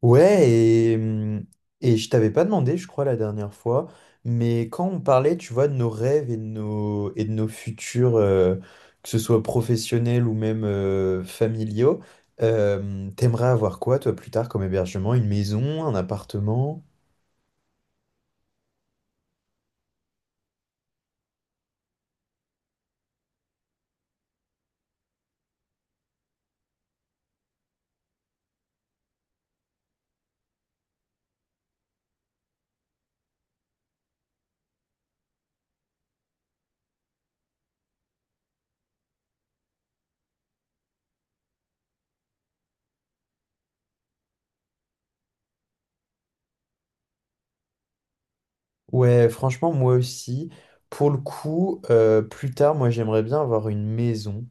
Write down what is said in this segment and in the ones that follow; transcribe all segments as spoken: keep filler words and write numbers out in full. Ouais, et, hum, et je t'avais pas demandé, je crois, la dernière fois, mais quand on parlait, tu vois, de nos rêves et de nos, et de nos futurs, euh, que ce soit professionnels ou même euh, familiaux, euh, t'aimerais avoir quoi, toi, plus tard, comme hébergement? Une maison, un appartement? Ouais, franchement, moi aussi. Pour le coup, euh, plus tard, moi, j'aimerais bien avoir une maison.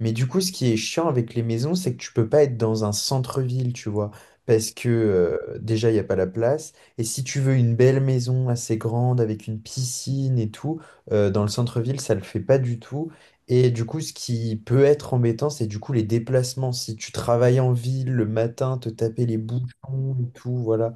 Mais du coup, ce qui est chiant avec les maisons, c'est que tu peux pas être dans un centre-ville, tu vois. Parce que euh, déjà, il n'y a pas la place. Et si tu veux une belle maison assez grande, avec une piscine et tout, euh, dans le centre-ville, ça le fait pas du tout. Et du coup, ce qui peut être embêtant, c'est du coup les déplacements. Si tu travailles en ville le matin, te taper les bouchons et tout, voilà.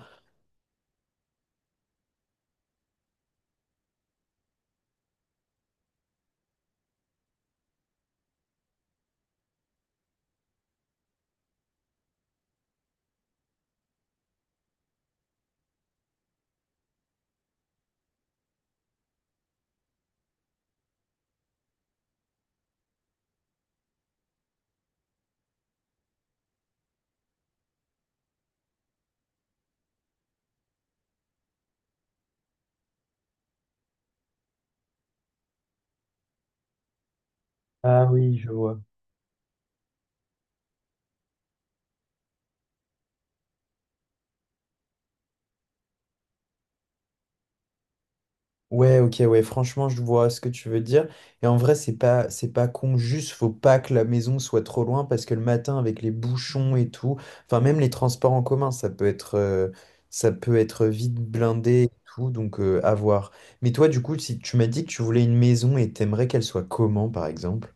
Ah oui, je vois. Ouais, ok, ouais, franchement, je vois ce que tu veux dire. Et en vrai, c'est pas, c'est pas con, juste faut pas que la maison soit trop loin parce que le matin, avec les bouchons et tout, enfin, même les transports en commun, ça peut être, euh, ça peut être vite blindé et tout, donc euh, à voir. Mais toi, du coup, si tu m'as dit que tu voulais une maison et t'aimerais qu'elle soit comment, par exemple?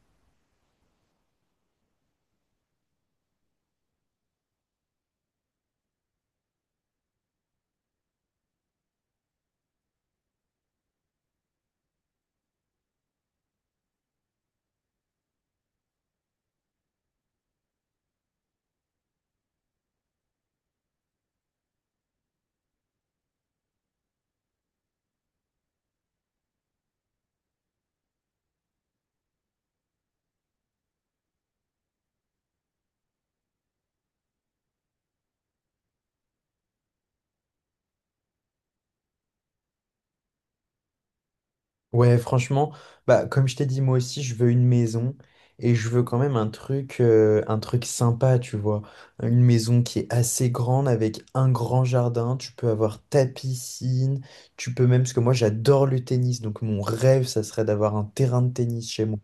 Ouais, franchement, bah, comme je t'ai dit, moi aussi, je veux une maison et je veux quand même un truc, euh, un truc sympa, tu vois. Une maison qui est assez grande avec un grand jardin. Tu peux avoir ta piscine. Tu peux même, parce que moi, j'adore le tennis. Donc, mon rêve, ça serait d'avoir un terrain de tennis chez moi.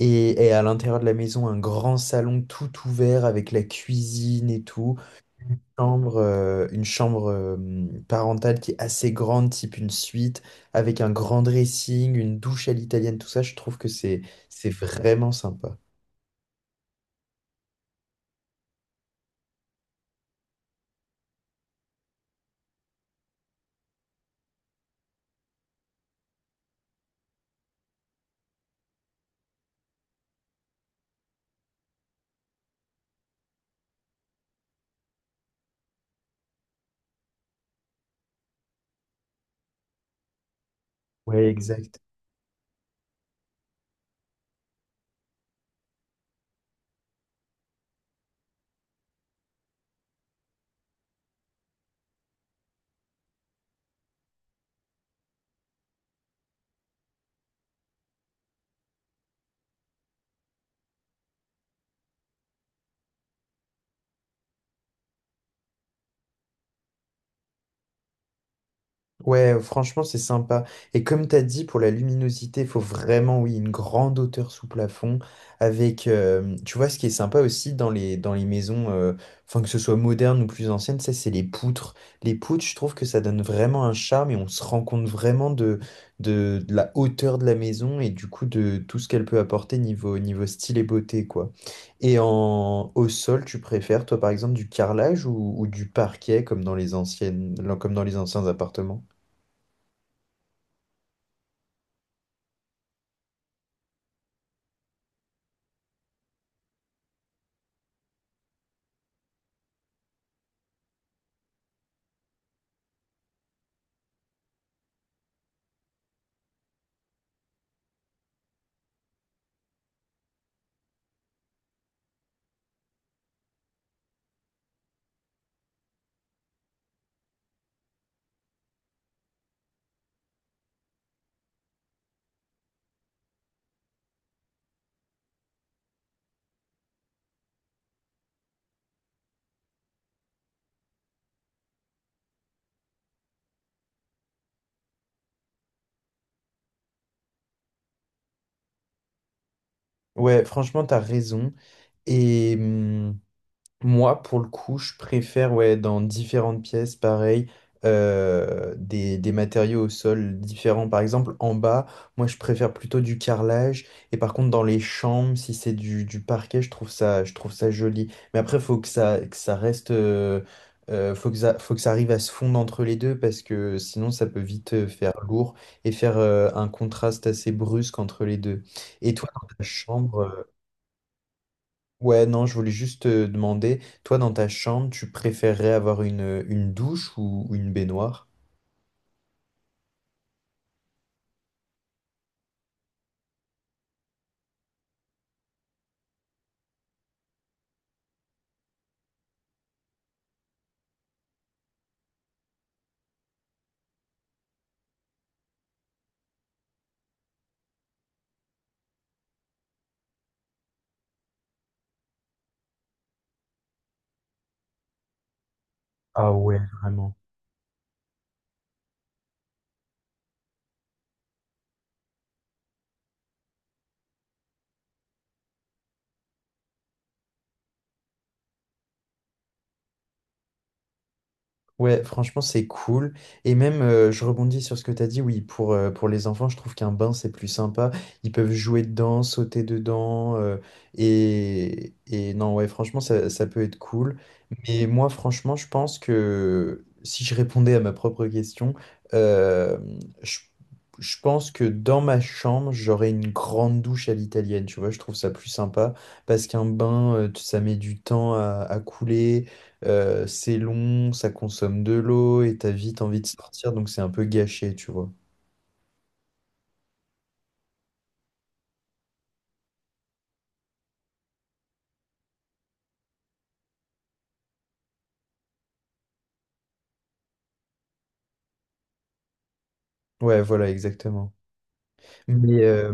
Et, et à l'intérieur de la maison, un grand salon tout ouvert avec la cuisine et tout chambre, euh, une chambre euh, parentale qui est assez grande, type une suite, avec un grand dressing, une douche à l'italienne, tout ça, je trouve que c'est c'est vraiment sympa. Ouais, exact. Ouais, franchement, c'est sympa. Et comme tu as dit, pour la luminosité, il faut vraiment, oui, une grande hauteur sous plafond. Avec, euh, tu vois, ce qui est sympa aussi dans les, dans les maisons, euh, enfin, que ce soit moderne ou plus ancienne, ça, c'est les poutres. Les poutres, je trouve que ça donne vraiment un charme et on se rend compte vraiment de, de, de la hauteur de la maison et du coup de tout ce qu'elle peut apporter niveau, niveau style et beauté, quoi. Et en, au sol, tu préfères, toi, par exemple, du carrelage ou, ou du parquet comme dans les anciennes, comme dans les anciens appartements? Ouais, franchement, t'as raison. Et hum, moi, pour le coup, je préfère, ouais, dans différentes pièces, pareil, euh, des, des matériaux au sol différents. Par exemple, en bas, moi, je préfère plutôt du carrelage. Et par contre, dans les chambres, si c'est du, du parquet, je trouve ça, je trouve ça joli. Mais après, faut que ça, que ça reste, euh, euh, faut que ça, faut que ça arrive à se fondre entre les deux parce que sinon, ça peut vite euh, faire lourd et faire euh, un contraste assez brusque entre les deux. Et toi, dans ta chambre. Ouais, non, je voulais juste te demander, toi dans ta chambre, tu préférerais avoir une, une douche ou une baignoire? Ah ouais, vraiment. Ouais, franchement, c'est cool. Et même, euh, je rebondis sur ce que tu as dit, oui, pour, euh, pour les enfants, je trouve qu'un bain, c'est plus sympa. Ils peuvent jouer dedans, sauter dedans. euh, et, et non, ouais, franchement, ça, ça peut être cool. Mais moi, franchement, je pense que si je répondais à ma propre question, euh, je, je pense que dans ma chambre, j'aurais une grande douche à l'italienne. Tu vois, je trouve ça plus sympa parce qu'un bain, euh, ça met du temps à à couler. Euh, c'est long, ça consomme de l'eau et t'as vite envie de sortir, donc c'est un peu gâché, tu vois. Ouais, voilà, exactement. Mais euh,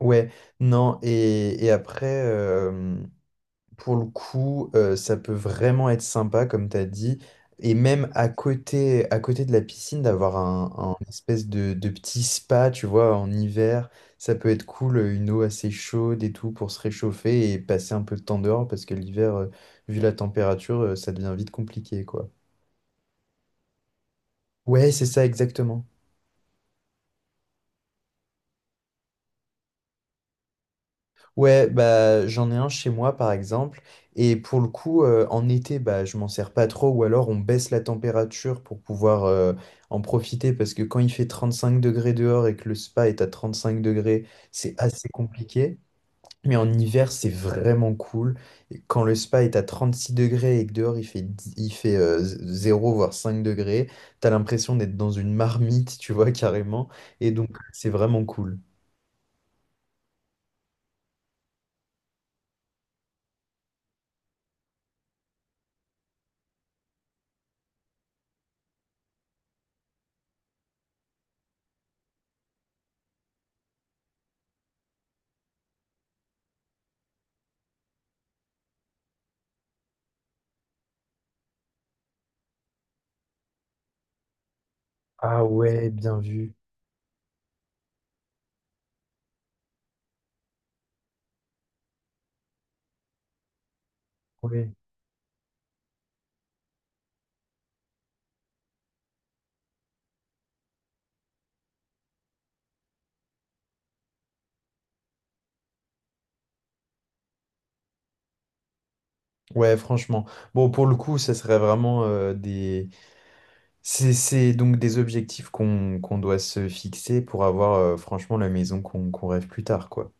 ouais, non, et, et après, euh, pour le coup, euh, ça peut vraiment être sympa, comme t'as dit, et même à côté, à côté de la piscine, d'avoir un, un espèce de, de petit spa, tu vois, en hiver, ça peut être cool, euh, une eau assez chaude et tout pour se réchauffer et passer un peu de temps dehors, parce que l'hiver, euh, vu la température, euh, ça devient vite compliqué, quoi. Ouais, c'est ça exactement. Ouais, bah j'en ai un chez moi par exemple. Et pour le coup, euh, en été, bah je m'en sers pas trop, ou alors on baisse la température pour pouvoir euh, en profiter, parce que quand il fait trente cinq degrés dehors et que le spa est à trente cinq degrés, c'est assez compliqué. Mais en hiver, c'est vraiment cool. Et quand le spa est à trente six degrés et que dehors il fait, dix- il fait euh, zéro voire cinq degrés, t'as l'impression d'être dans une marmite, tu vois, carrément. Et donc, c'est vraiment cool. Ah ouais, bien vu. Oui. Ouais, franchement. Bon, pour le coup, ça serait vraiment euh, des. C'est c'est donc des objectifs qu'on qu'on doit se fixer pour avoir euh, franchement la maison qu'on qu'on rêve plus tard, quoi.